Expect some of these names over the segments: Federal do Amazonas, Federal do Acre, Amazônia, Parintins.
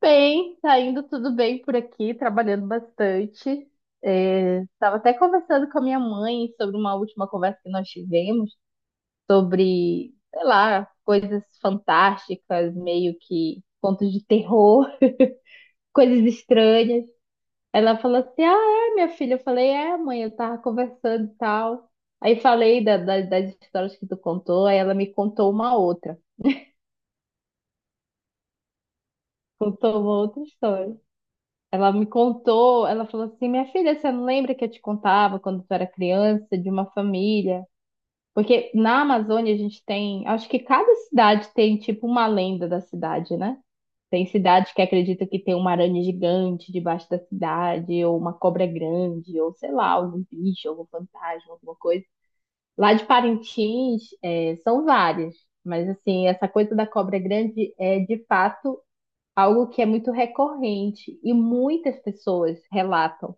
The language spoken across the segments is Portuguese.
Bem, tá indo tudo bem por aqui, trabalhando bastante. É, estava até conversando com a minha mãe sobre uma última conversa que nós tivemos, sobre, sei lá, coisas fantásticas, meio que contos de terror, coisas estranhas. Ela falou assim: Ah, é, minha filha. Eu falei: É, mãe, eu tava conversando e tal. Aí falei das histórias que tu contou, aí ela me contou uma outra. Contou uma outra história. Ela me contou, ela falou assim: minha filha, você não lembra que eu te contava quando tu era criança, de uma família? Porque na Amazônia a gente tem, acho que cada cidade tem tipo uma lenda da cidade, né? Tem cidade que acredita que tem uma aranha gigante debaixo da cidade, ou uma cobra grande, ou sei lá, algum bicho, algum fantasma, alguma coisa. Lá de Parintins, é, são várias, mas assim, essa coisa da cobra grande é de fato algo que é muito recorrente e muitas pessoas relatam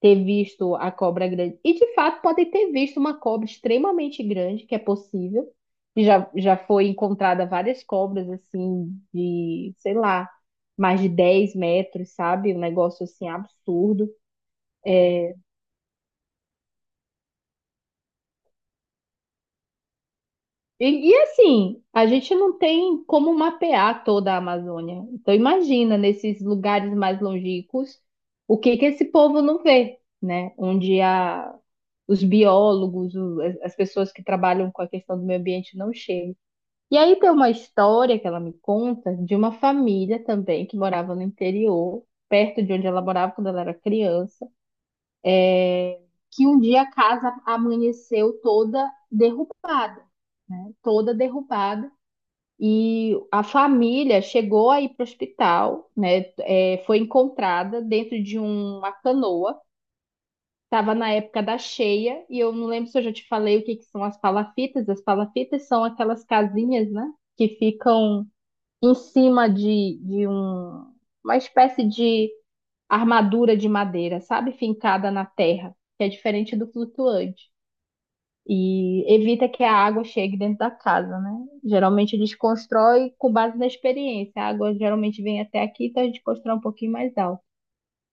ter visto a cobra grande. E de fato podem ter visto uma cobra extremamente grande, que é possível. E já foi encontrada várias cobras assim de, sei lá, mais de 10 metros, sabe? Um negócio assim absurdo. E assim, a gente não tem como mapear toda a Amazônia. Então imagina nesses lugares mais longínquos o que que esse povo não vê, né? Onde os biólogos, as pessoas que trabalham com a questão do meio ambiente não chegam. E aí tem uma história que ela me conta de uma família também que morava no interior, perto de onde ela morava quando ela era criança, que um dia a casa amanheceu toda derrubada, toda derrubada. E a família chegou aí para o hospital, né? É, foi encontrada dentro de uma canoa. Tava na época da cheia, e eu não lembro se eu já te falei o que que são as palafitas. As palafitas são aquelas casinhas, né? Que ficam em cima de uma espécie de armadura de madeira, sabe? Fincada na terra, que é diferente do flutuante. E evita que a água chegue dentro da casa, né? Geralmente eles constroem com base na experiência. A água geralmente vem até aqui, então a gente constrói um pouquinho mais alto.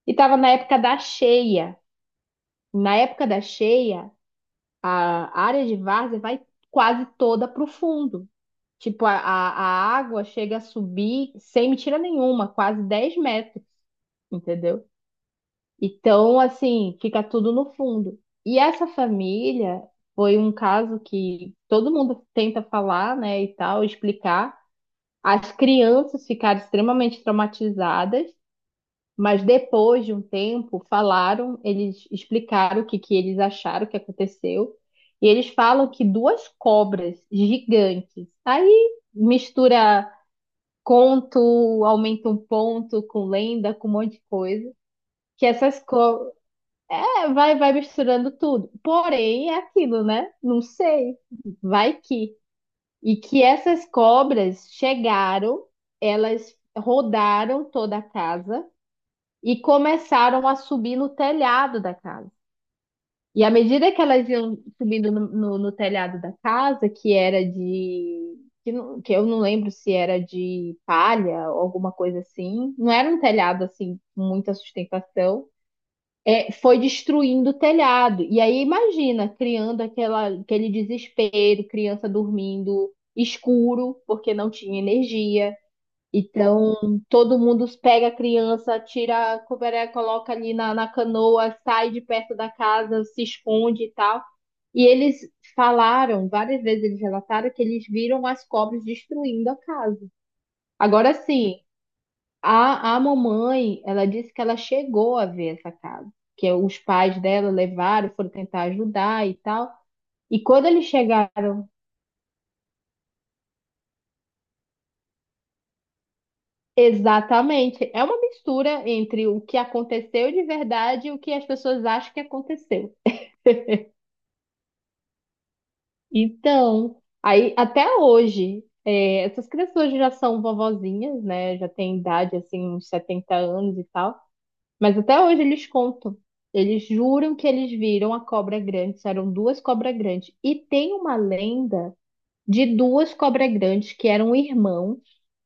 E tava na época da cheia. Na época da cheia, a área de várzea vai quase toda para o fundo. Tipo, a água chega a subir sem mentira nenhuma, quase 10 metros, entendeu? Então, assim, fica tudo no fundo. E essa família foi um caso que todo mundo tenta falar, né, e tal, explicar. As crianças ficaram extremamente traumatizadas, mas depois de um tempo, falaram, eles explicaram o que, que eles acharam que aconteceu. E eles falam que duas cobras gigantes. Aí mistura conto, aumenta um ponto com lenda, com um monte de coisa. Que essas cobras. É, vai misturando tudo. Porém, é aquilo, né? Não sei. Vai que. E que essas cobras chegaram, elas rodaram toda a casa e começaram a subir no telhado da casa. E à medida que elas iam subindo no telhado da casa, que era de. Que eu não lembro se era de palha ou alguma coisa assim, não era um telhado assim, com muita sustentação, é, foi destruindo o telhado. E aí imagina, criando aquela, aquele desespero, criança dormindo escuro, porque não tinha energia. Então, todo mundo pega a criança, tira a coberé, coloca ali na canoa, sai de perto da casa, se esconde e tal. E eles falaram, várias vezes eles relataram que eles viram as cobras destruindo a casa. Agora sim, a mamãe, ela disse que ela chegou a ver essa casa, que os pais dela levaram, foram tentar ajudar e tal. E quando eles chegaram. Exatamente. É uma mistura entre o que aconteceu de verdade e o que as pessoas acham que aconteceu. Então, aí até hoje, é, essas crianças hoje já são vovozinhas, né? Já têm idade, assim, uns 70 anos e tal. Mas até hoje eles contam. Eles juram que eles viram a cobra grande, isso eram duas cobras grandes. E tem uma lenda de duas cobras grandes que eram irmãos,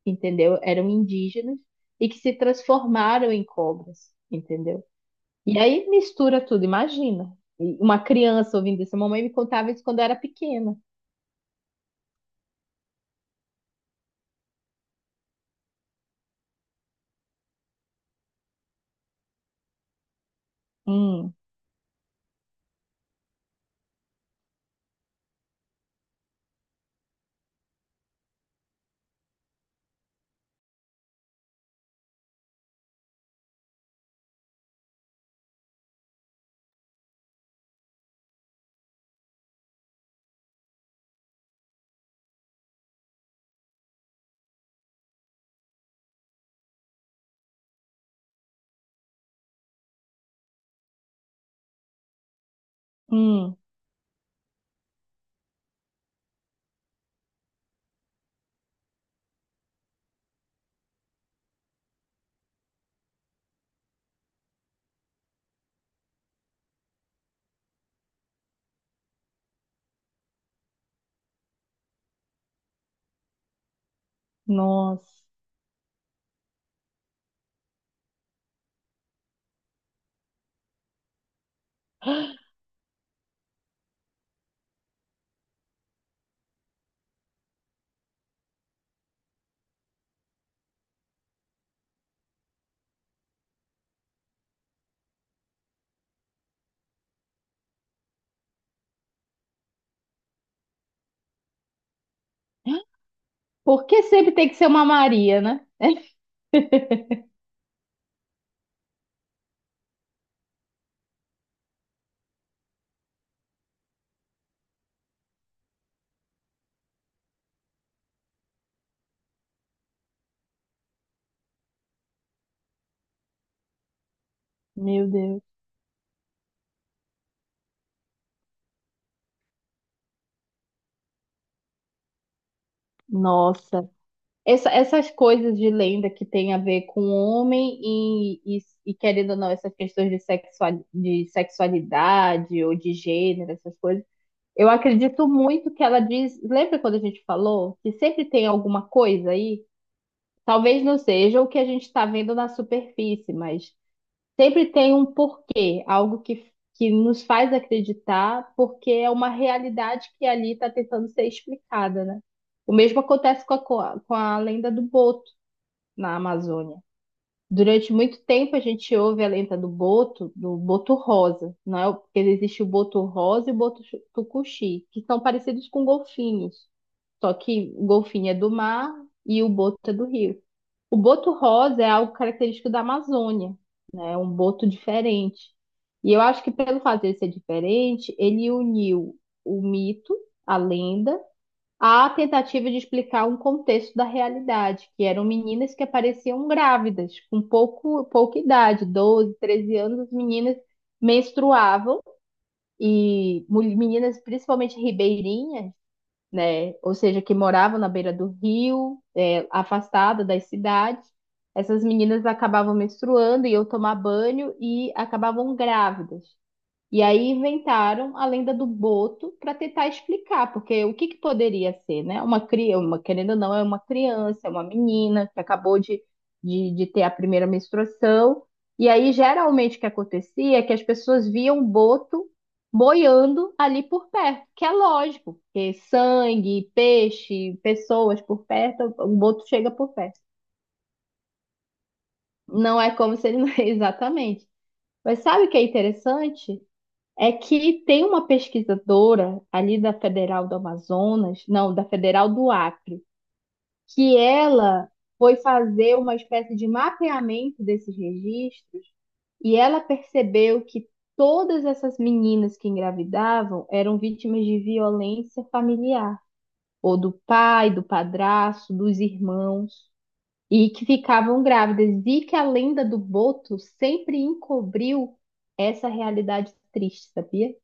entendeu? Eram indígenas e que se transformaram em cobras. Entendeu? E aí mistura tudo, imagina. E uma criança ouvindo isso. A mamãe me contava isso quando eu era pequena. Hum, hum, nossa. Por que sempre tem que ser uma Maria, né? Meu Deus. Nossa. Essas coisas de lenda que tem a ver com o homem e, querendo ou não, essas questões de, sexual, de sexualidade ou de gênero, essas coisas. Eu acredito muito que ela diz. Lembra quando a gente falou que sempre tem alguma coisa aí? Talvez não seja o que a gente está vendo na superfície, mas sempre tem um porquê, algo que nos faz acreditar, porque é uma realidade que ali está tentando ser explicada, né? O mesmo acontece com a lenda do boto na Amazônia. Durante muito tempo a gente ouve a lenda do boto rosa, não é? Porque existe o boto rosa e o boto tucuxi, que são parecidos com golfinhos. Só que o golfinho é do mar e o boto é do rio. O boto rosa é algo característico da Amazônia, né? É um boto diferente. E eu acho que pelo fato de ser diferente, ele uniu o mito, a lenda, à tentativa de explicar um contexto da realidade, que eram meninas que apareciam grávidas, com pouco, pouca idade, 12, 13 anos, as meninas menstruavam, e meninas, principalmente ribeirinhas, né? Ou seja, que moravam na beira do rio, é, afastada das cidades. Essas meninas acabavam menstruando e eu tomar banho e acabavam grávidas. E aí inventaram a lenda do boto para tentar explicar, porque o que que poderia ser, né? Uma criança, uma, querendo ou não, é uma criança, é uma menina que acabou de, de ter a primeira menstruação. E aí, geralmente, o que acontecia é que as pessoas viam o boto boiando ali por perto, que é lógico, porque sangue, peixe, pessoas por perto, o boto chega por perto. Não é como se ele não. Exatamente. Mas sabe o que é interessante? É que tem uma pesquisadora ali da Federal do Amazonas, não, da Federal do Acre, que ela foi fazer uma espécie de mapeamento desses registros e ela percebeu que todas essas meninas que engravidavam eram vítimas de violência familiar, ou do pai, do padrasto, dos irmãos, e que ficavam grávidas, e que a lenda do boto sempre encobriu essa realidade triste, sabia?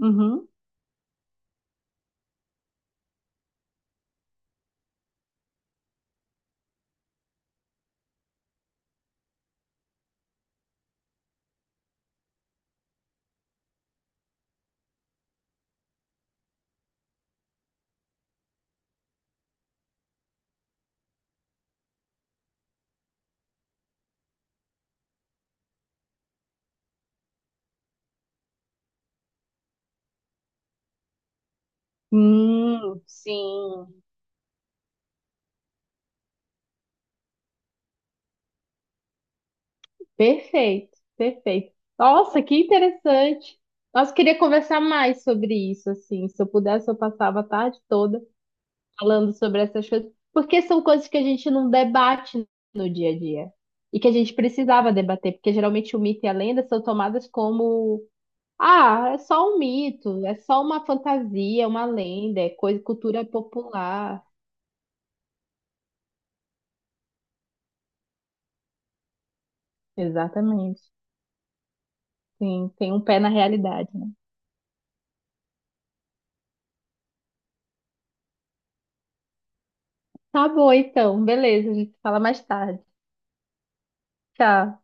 Uhum. Sim. Perfeito, perfeito. Nossa, que interessante. Nossa, queria conversar mais sobre isso, assim. Se eu pudesse, eu passava a tarde toda falando sobre essas coisas, porque são coisas que a gente não debate no dia a dia e que a gente precisava debater, porque geralmente o mito e a lenda são tomadas como, ah, é só um mito, é só uma fantasia, uma lenda, é coisa, cultura popular. Exatamente. Sim, tem um pé na realidade, né? Tá bom, então. Beleza, a gente fala mais tarde. Tchau.